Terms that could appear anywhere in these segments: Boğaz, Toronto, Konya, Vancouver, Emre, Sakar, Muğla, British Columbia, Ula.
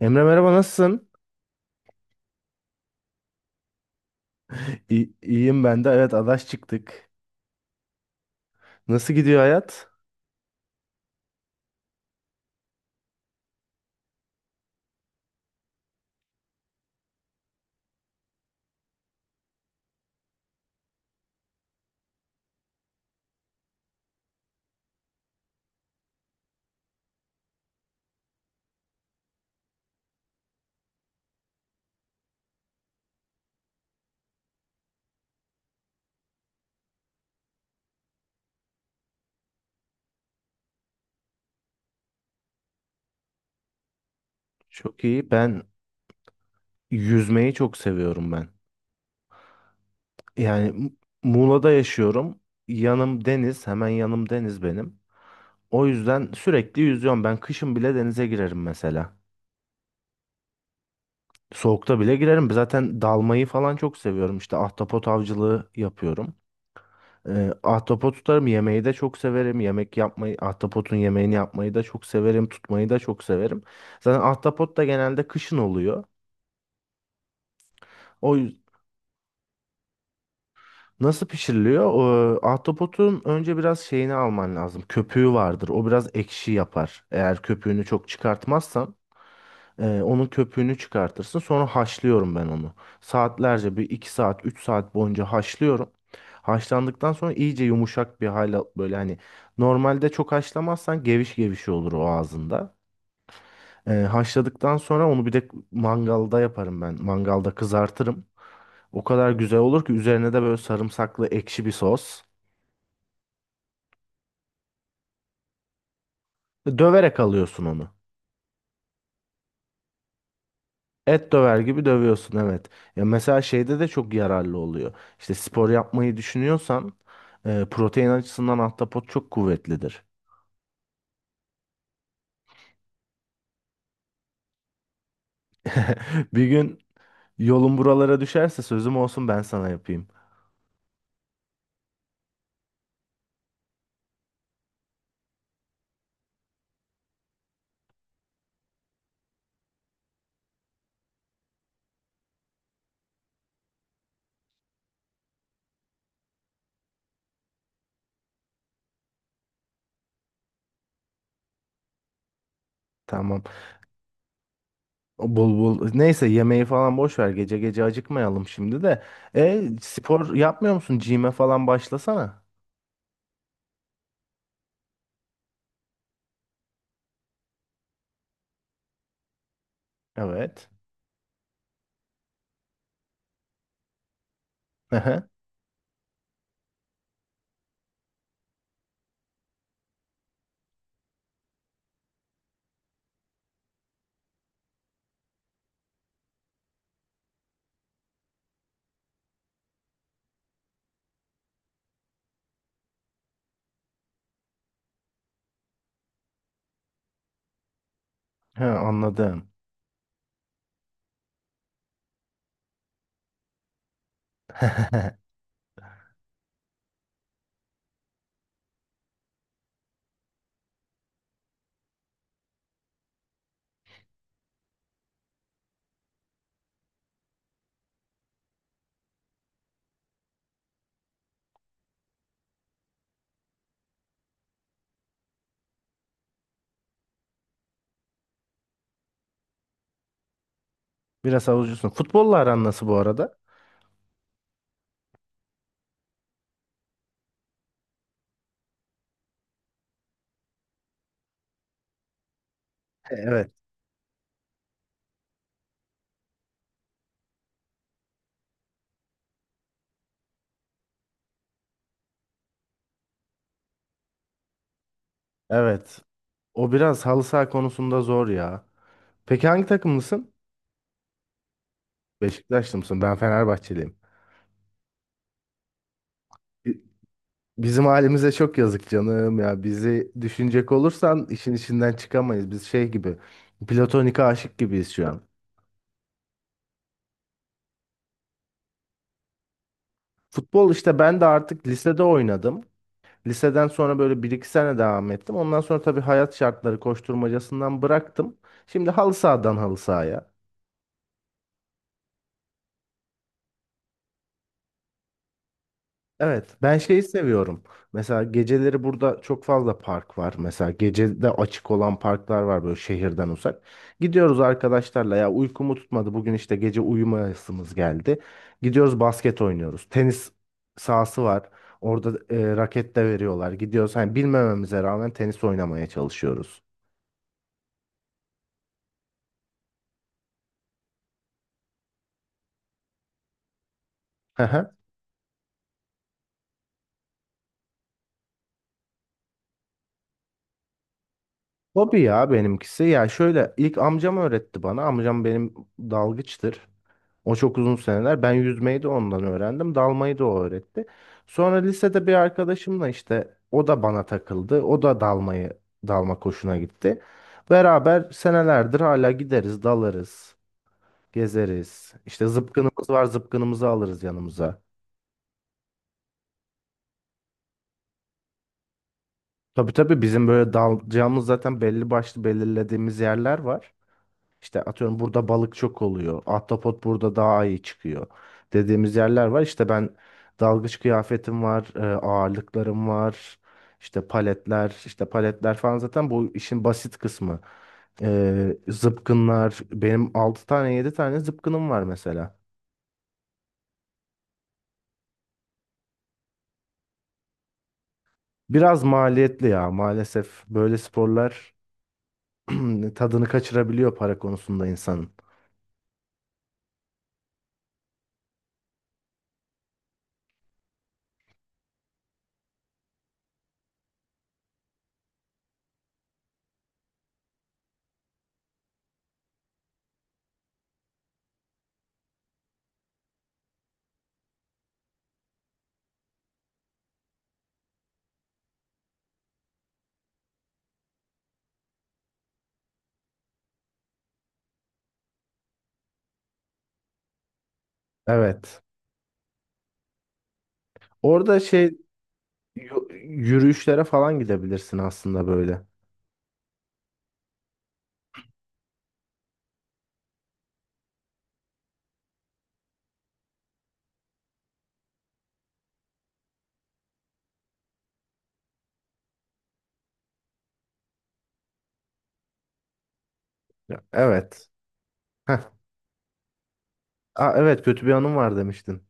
Emre, merhaba, nasılsın? İyiyim ben de. Evet, adaş çıktık. Nasıl gidiyor hayat? Çok iyi. Ben yüzmeyi çok seviyorum. Yani Mu- Muğla'da yaşıyorum. Yanım deniz. Hemen yanım deniz benim. O yüzden sürekli yüzüyorum. Ben kışın bile denize girerim mesela. Soğukta bile girerim. Zaten dalmayı falan çok seviyorum. İşte ahtapot avcılığı yapıyorum. Ahtapot tutarım. Yemeği de çok severim. Yemek yapmayı, ahtapotun yemeğini yapmayı da çok severim. Tutmayı da çok severim. Zaten ahtapot da genelde kışın oluyor. O yüz- nasıl pişiriliyor? Ahtapotun önce biraz şeyini alman lazım. Köpüğü vardır. O biraz ekşi yapar, eğer köpüğünü çok çıkartmazsan. Onun köpüğünü çıkartırsın. Sonra haşlıyorum ben onu. Saatlerce, bir 2 saat, 3 saat boyunca haşlıyorum. Haşlandıktan sonra iyice yumuşak bir hale, böyle, hani normalde çok haşlamazsan geviş geviş olur o ağzında. Haşladıktan sonra onu bir de mangalda yaparım ben. Mangalda kızartırım. O kadar güzel olur ki, üzerine de böyle sarımsaklı ekşi bir sos. Döverek alıyorsun onu. Et döver gibi dövüyorsun, evet. Ya mesela şeyde de çok yararlı oluyor. İşte spor yapmayı düşünüyorsan protein açısından ahtapot çok kuvvetlidir. Bir gün yolun buralara düşerse sözüm olsun, ben sana yapayım. Tamam. O, bul bul. Neyse, yemeği falan boş ver. Gece gece acıkmayalım şimdi de. E, spor yapmıyor musun? Gym'e falan başlasana. Evet. He, anladım. Biraz havucusun. Futbolla aran nasıl bu arada? Evet. Evet. O biraz halı saha konusunda zor ya. Peki hangi takımlısın? Beşiktaşlı mısın? Ben Fenerbahçeliyim. Bi- Bizim halimize çok yazık canım ya. Bizi düşünecek olursan işin içinden çıkamayız. Biz şey gibi, platonik aşık gibiyiz şu an. Futbol, işte ben de artık lisede oynadım. Liseden sonra böyle bir iki sene devam ettim. Ondan sonra tabii hayat şartları koşturmacasından bıraktım. Şimdi halı sahadan halı sahaya. Evet, ben şeyi seviyorum. Mesela geceleri burada çok fazla park var. Mesela gecede açık olan parklar var, böyle şehirden uzak. Gidiyoruz arkadaşlarla, ya uykumu tutmadı, bugün işte gece uyumayasımız geldi. Gidiyoruz basket oynuyoruz. Tenis sahası var. Orada raket de veriyorlar. Gidiyoruz, hani bilmememize rağmen tenis oynamaya çalışıyoruz. Hı hı. Hobi ya benimkisi. Ya şöyle, ilk amcam öğretti bana. Amcam benim dalgıçtır. O çok uzun seneler. Ben yüzmeyi de ondan öğrendim. Dalmayı da o öğretti. Sonra lisede bir arkadaşımla, işte o da bana takıldı. O da dalmayı, dalma koşuna gitti. Beraber senelerdir hala gideriz, dalarız, gezeriz. İşte zıpkınımız var, zıpkınımızı alırız yanımıza. Tabii, tabii bizim böyle dalacağımız zaten belli başlı belirlediğimiz yerler var. İşte atıyorum, burada balık çok oluyor. Ahtapot burada daha iyi çıkıyor. Dediğimiz yerler var. İşte ben dalgıç kıyafetim var, ağırlıklarım var. İşte paletler, işte paletler falan zaten bu işin basit kısmı. E, zıpkınlar, benim 6 tane 7 tane zıpkınım var mesela. Biraz maliyetli ya, maalesef böyle sporlar tadını kaçırabiliyor para konusunda insanın. Evet. Orada şey, yürüyüşlere falan gidebilirsin aslında böyle. Ya, evet. Heh. Aa, evet, kötü bir anım var demiştin.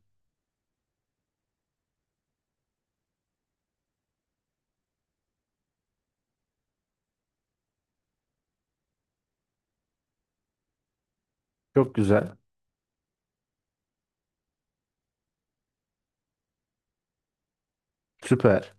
Çok güzel. Süper.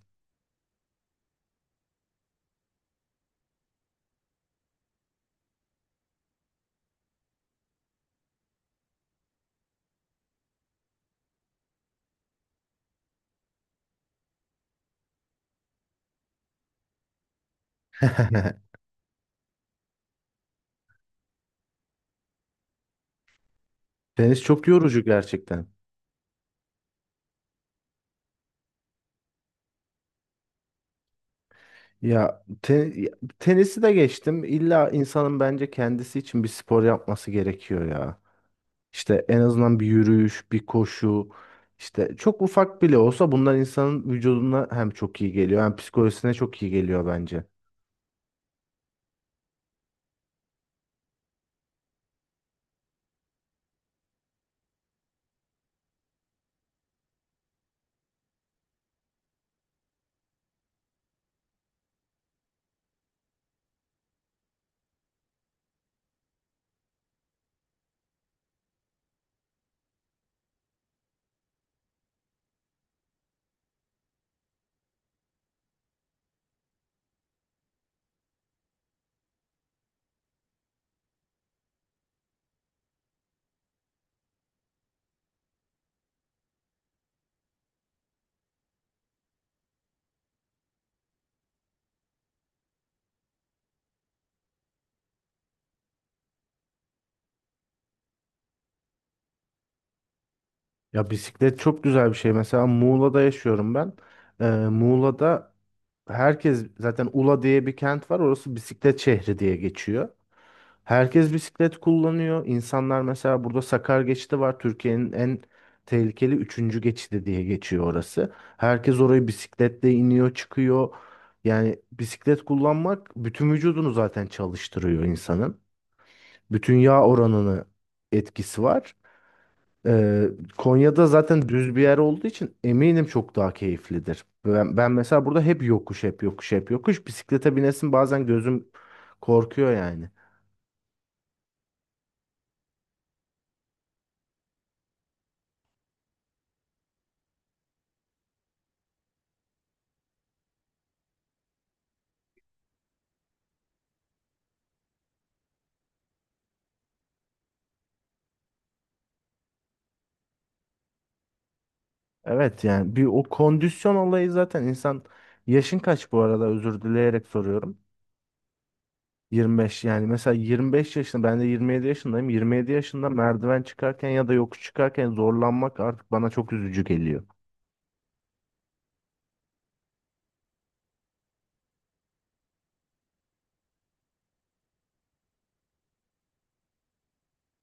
Tenis çok yorucu gerçekten. Ya te- ya, tenisi de geçtim. İlla insanın bence kendisi için bir spor yapması gerekiyor ya. İşte en azından bir yürüyüş, bir koşu. İşte çok ufak bile olsa bunlar insanın vücuduna hem çok iyi geliyor hem psikolojisine çok iyi geliyor bence. Ya bisiklet çok güzel bir şey. Mesela Muğla'da yaşıyorum ben. Muğla'da herkes zaten, Ula diye bir kent var, orası bisiklet şehri diye geçiyor. Herkes bisiklet kullanıyor. İnsanlar, mesela burada Sakar geçidi var, Türkiye'nin en tehlikeli üçüncü geçidi diye geçiyor orası. Herkes orayı bisikletle iniyor, çıkıyor. Yani bisiklet kullanmak bütün vücudunu zaten çalıştırıyor insanın. Bütün yağ oranını etkisi var. Ee, Konya'da zaten düz bir yer olduğu için eminim çok daha keyiflidir. Ben mesela burada hep yokuş, hep yokuş, hep yokuş. Bisiklete binesin bazen gözüm korkuyor yani. Evet, yani bir o kondisyon olayı zaten insan. Yaşın kaç bu arada, özür dileyerek soruyorum. 25, yani mesela 25 yaşında, ben de 27 yaşındayım. 27 yaşında merdiven çıkarken ya da yokuş çıkarken zorlanmak artık bana çok üzücü geliyor.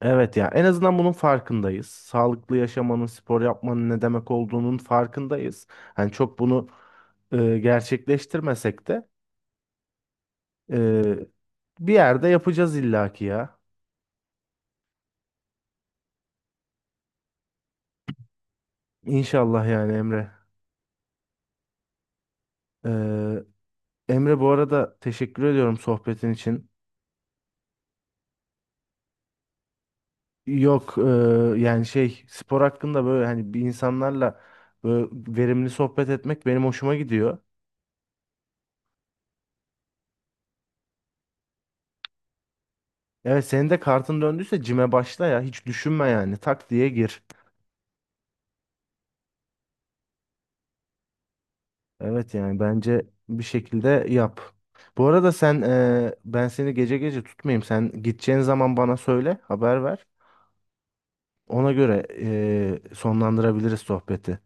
Evet ya, en azından bunun farkındayız. Sağlıklı yaşamanın, spor yapmanın ne demek olduğunun farkındayız. Hani çok bunu gerçekleştirmesek de, e, bir yerde yapacağız illaki ya. İnşallah yani, Emre. E, Emre, bu arada teşekkür ediyorum sohbetin için. Yok, yani şey, spor hakkında böyle, hani bir insanlarla böyle verimli sohbet etmek benim hoşuma gidiyor. Evet, senin de kartın döndüyse cime başla ya, hiç düşünme, yani tak diye gir. Evet, yani bence bir şekilde yap. Bu arada sen, ben seni gece gece tutmayayım. Sen gideceğin zaman bana söyle, haber ver. Ona göre sonlandırabiliriz sohbeti.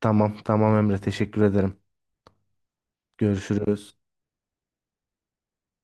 Tamam, tamam Emre, teşekkür ederim. Görüşürüz.